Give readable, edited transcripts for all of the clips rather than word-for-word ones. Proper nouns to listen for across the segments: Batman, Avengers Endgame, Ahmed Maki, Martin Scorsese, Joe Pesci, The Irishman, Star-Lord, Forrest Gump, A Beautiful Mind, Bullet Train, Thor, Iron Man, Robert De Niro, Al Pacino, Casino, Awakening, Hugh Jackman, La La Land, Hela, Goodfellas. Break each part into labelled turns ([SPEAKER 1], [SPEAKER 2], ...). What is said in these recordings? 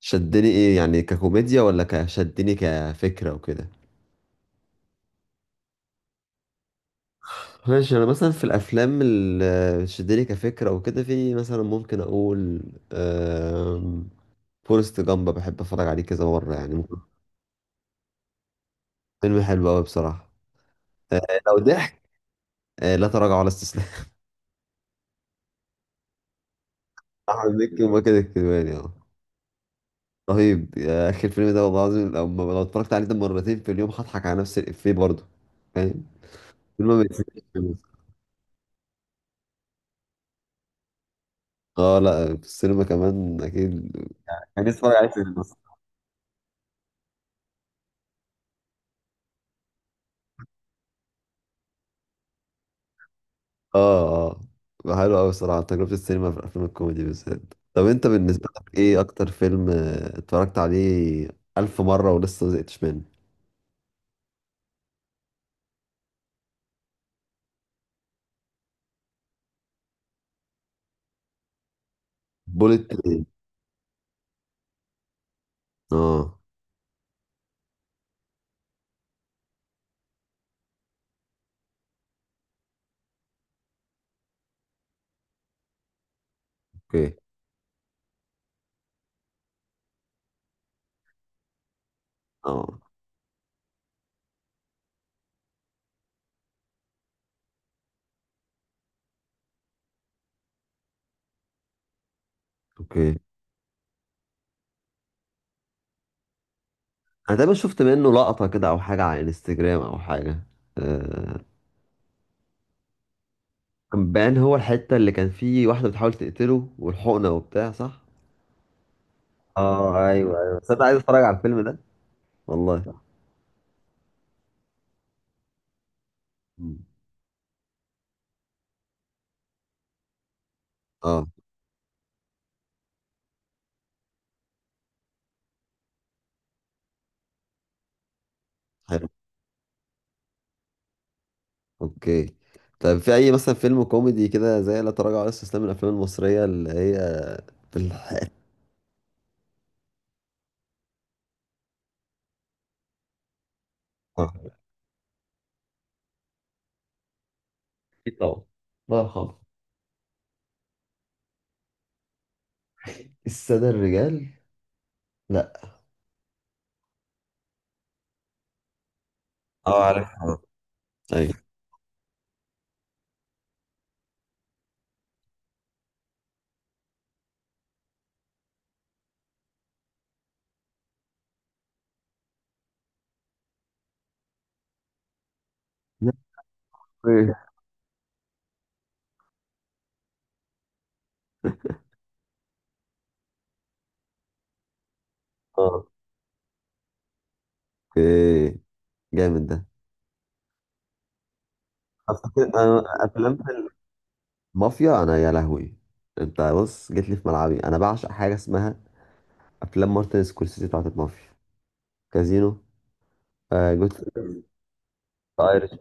[SPEAKER 1] شدني ايه يعني ككوميديا ولا كشدني كفكرة وكده. ماشي، انا مثلا في الافلام اللي شدني كفكرة وكده في مثلا ممكن اقول آم، فورست جامب، بحب اتفرج عليه كذا مرة يعني فيلم حلو قوي بصراحة. آه، لو ضحك لا تراجع ولا استسلام احمد مكي وماجد الكدواني، اه. رهيب يا اخي الفيلم ده والله العظيم. لو اتفرجت عليه ده مرتين في اليوم هضحك على نفس الافيه برضه. فاهم؟ فيلم ما بيتنسيش. اه لا، في السينما كمان اكيد، يعني اتفرج عليه في السينما. اه اه، حلو قوي الصراحه تجربه السينما في الافلام الكوميدي بالذات. طب انت بالنسبه لك ايه اكتر فيلم اتفرجت عليه الف مره ولسه ما زهقتش منه؟ بوليت ترين. اه، اوكي. اه، اوكي. انا دايما شفت منه لقطه كده او حاجه على انستجرام او حاجه. آه. كان بان هو الحته اللي كان فيه واحده بتحاول تقتله والحقنه وبتاع، صح؟ اه ايوه ايوه، بس انا عايز اتفرج على الفيلم ده. والله. مم. اه، حلو. اوكي. طيب في اي مثلا فيلم كوميدي كده زي لا تراجع ولا استسلام من الافلام المصريه اللي هي في الح... اه أكيد طبعا، الله يرحمه. السادة الرجال؟ لا. عارفها. ايوه. لا. إيه. اه، اوكي. جامد ده. أنا افلام في المافيا، انا يا لهوي، انت بص جيت لي في ملعبي، انا بعشق حاجه اسمها افلام مارتن سكورسيزي بتاعت المافيا. كازينو. آه. جود.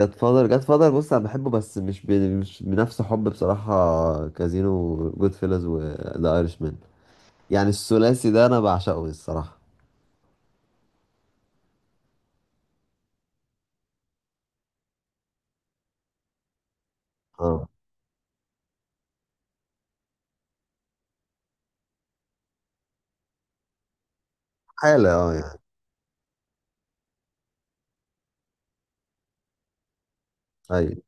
[SPEAKER 1] جاد فادر، بص انا بحبه بس مش بنفس حب بصراحة كازينو. جود فيلز وذا ايرش مان، يعني الثلاثي ده انا بعشقه الصراحة. اه، حالة اه يعني. ايوه.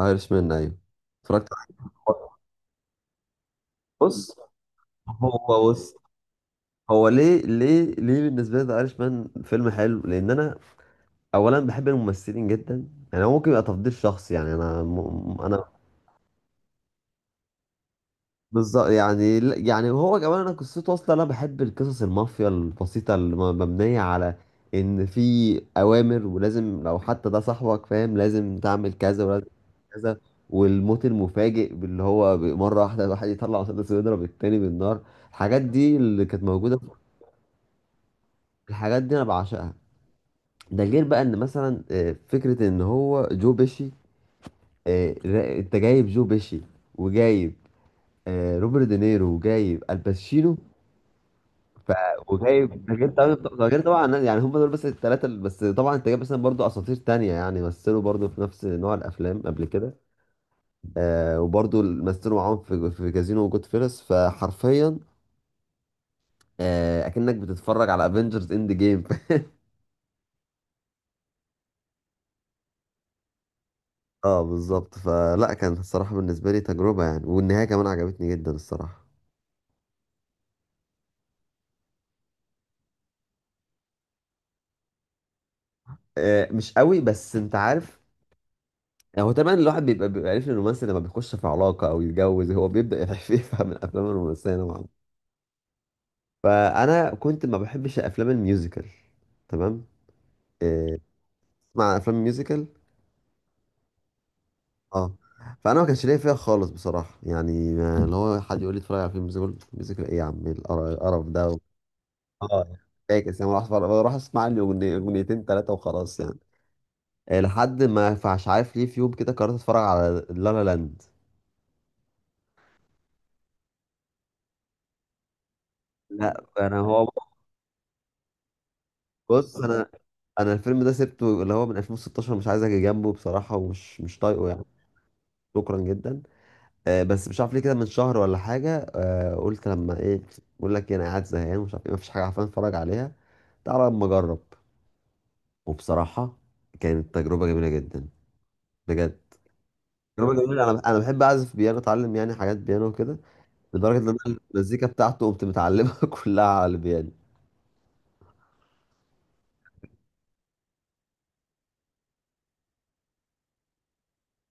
[SPEAKER 1] ايرش مان، ايوه اتفرجت عليه. بص بص هو ليه بالنسبة لي ذا ايرش مان فيلم حلو، لان انا اولا بحب الممثلين جدا، يعني هو ممكن يبقى تفضيل شخصي يعني انا بالظبط يعني يعني هو كمان، انا قصته اصلا انا بحب القصص المافيا البسيطه اللي مبنيه على ان في اوامر ولازم، لو حتى ده صاحبك فاهم لازم تعمل كذا ولازم كذا. والموت المفاجئ اللي هو مره واحده الواحد يطلع مسدس ويضرب التاني بالنار، الحاجات دي اللي كانت موجوده الحاجات دي انا بعشقها. ده غير بقى ان مثلا فكره ان هو جو بيشي، انت جايب جو بيشي، وجايب روبرت دينيرو، وجايب الباتشينو. ف وجايب، ده غير طبعا يعني هم دول بس الثلاثه بس طبعا انت جايب مثلا برضو اساطير تانية، يعني مثلوا برضو في نفس نوع الافلام قبل كده. وبرضو مثلوا معاهم في كازينو وجود فيلس، فحرفيا آه اكنك بتتفرج على افنجرز اند جيم اه بالظبط، فلا كانت الصراحه بالنسبه لي تجربه يعني، والنهايه كمان عجبتني جدا الصراحه. مش قوي، بس انت عارف، هو طبعا الواحد بيبقى عارف إن الرومانسي لما بيخش في علاقه او يتجوز هو بيبدا يفهم الافلام الرومانسيه نوعا. فانا كنت ما بحبش الافلام الميوزيكال. تمام. إيه، تسمع افلام ميوزيكال؟ اه. فانا ما كانش ليا فيها خالص بصراحه يعني اللي هو حد يقول لي اتفرج على فيلم ميوزيكال، ميوزيكال ايه يا عم؟ إيه القرف ده؟ اه فاكس يعني بروح اسمع لي اغنيتين ثلاثه وخلاص يعني. لحد ما، فمش عارف ليه، في يوم كده قررت اتفرج على لا لا لاند. لا انا هو بص انا الفيلم ده سبته اللي هو من 2016، مش عايز اجي جنبه بصراحه، ومش مش طايقه يعني. شكرا جدا. بس مش عارف ليه كده، من شهر ولا حاجة قلت لما ايه، بقول لك انا قاعد زهقان ومش عارف ايه، مفيش حاجة عارفين اتفرج عليها، تعالى اما اجرب. وبصراحة كانت تجربة جميلة جدا، بجد. تجربة جميلة، انا بحب اعزف بيانو، اتعلم يعني حاجات بيانو وكده، لدرجة ان انا المزيكا بتاعته قمت متعلمها كلها على البيانو.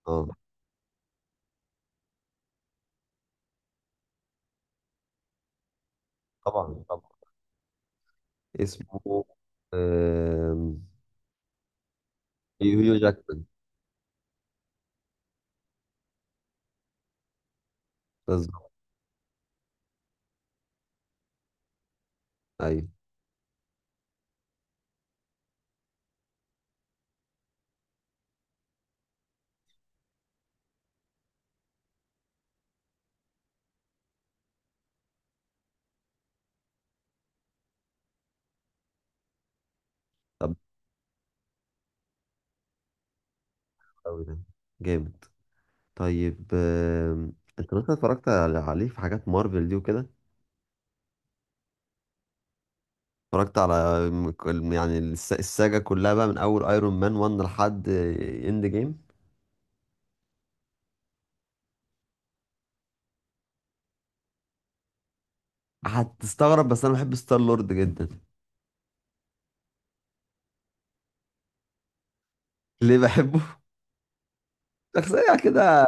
[SPEAKER 1] اه، طبعا طبعا. اسمه آم، هيو جاكمان. بالظبط. ايوه. طب أوي ده، جامد. طيب انت مثلا عليه في حاجات مارفل دي وكده؟ اتفرجت على يعني الساجة كلها بقى من أول أيرون مان 1 لحد إند جيم. هتستغرب بس أنا بحب ستار لورد جدا. ليه بحبه؟ شخصية كده،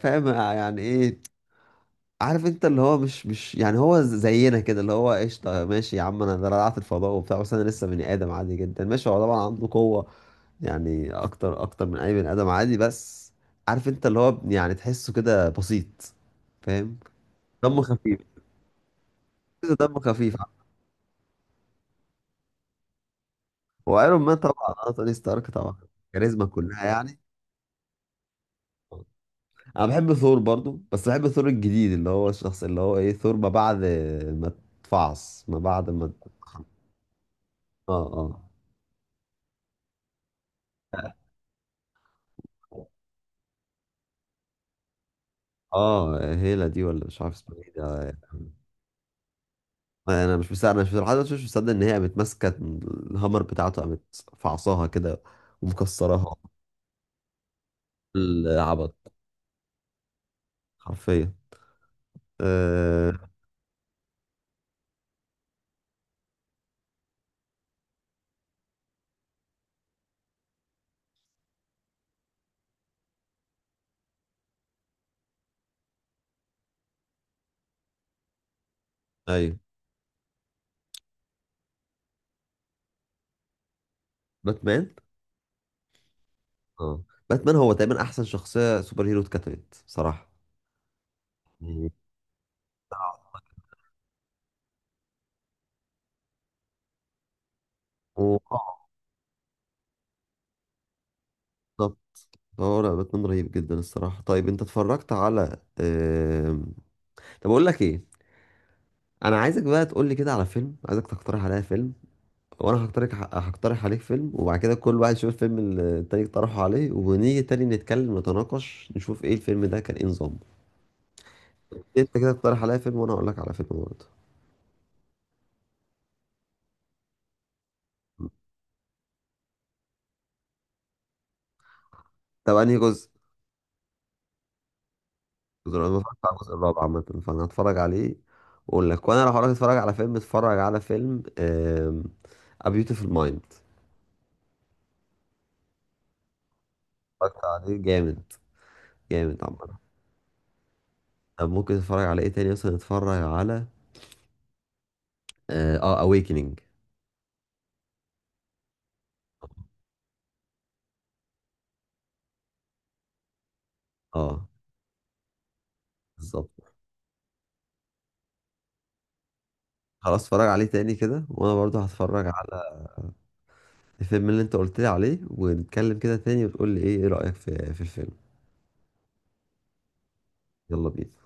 [SPEAKER 1] فاهم يعني إيه؟ عارف أنت اللي هو مش يعني، هو زينا كده، اللي هو قشطة ماشي يا عم، أنا ده رجعت الفضاء وبتاع، بس أنا لسه بني آدم عادي جدا، ماشي هو طبعا عنده قوة يعني أكتر أكتر من أي بني آدم عادي، بس عارف أنت اللي هو يعني تحسه كده بسيط، فاهم؟ دمه خفيف. تحسه دمه خفيف. وايرون مان طبعا، اه، توني ستارك طبعا، كاريزما كلها يعني. انا بحب ثور برضو، بس بحب ثور الجديد اللي هو الشخص اللي هو ايه، ثور ما بعد ما تفعص، ما بعد ما، اه اه اه. هيلا دي ولا مش عارف اسمها ايه ده. انا مش مصدق انا مش لحد دلوقتي مش مصدق ان هي قامت ماسكه الهامر بتاعته، قامت فعصاها كده ومكسراها، العبط حرفيا. آه. ايوه، باتمان. اه، باتمان هو تقريبا احسن شخصيه سوبر هيرو اتكتبت بصراحه، يعني و- آه، بالظبط. اه لا، باتمان رهيب جدا الصراحه. طيب انت اتفرجت على طب اقول لك ايه، انا عايزك بقى تقول لي كده على فيلم، عايزك تقترح عليا فيلم، وانا هقترح عليك فيلم، وبعد كده كل واحد يشوف الفيلم اللي التاني اقترحه عليه، ونيجي تاني نتكلم نتناقش نشوف ايه الفيلم ده كان ايه نظامه. انت كده اقترح عليا فيلم، وانا اقول لك على فيلم برضه. طب انهي جزء؟ انا ما اتفرجتش على الجزء الرابع عامة، فانا هتفرج عليه واقول لك. وانا لو هروح اتفرج على فيلم، A Beautiful Mind. اتفرجت عليه؟ جامد، جامد عامة. طب ممكن تتفرج على ايه تاني؟ مثلا اتفرج على اه، Awakening. اه، بالظبط. خلاص، اتفرج عليه تاني كده، وانا برضو هتفرج على الفيلم اللي انت قلت لي عليه، ونتكلم كده تاني وتقول لي ايه رأيك في الفيلم. يلا بينا.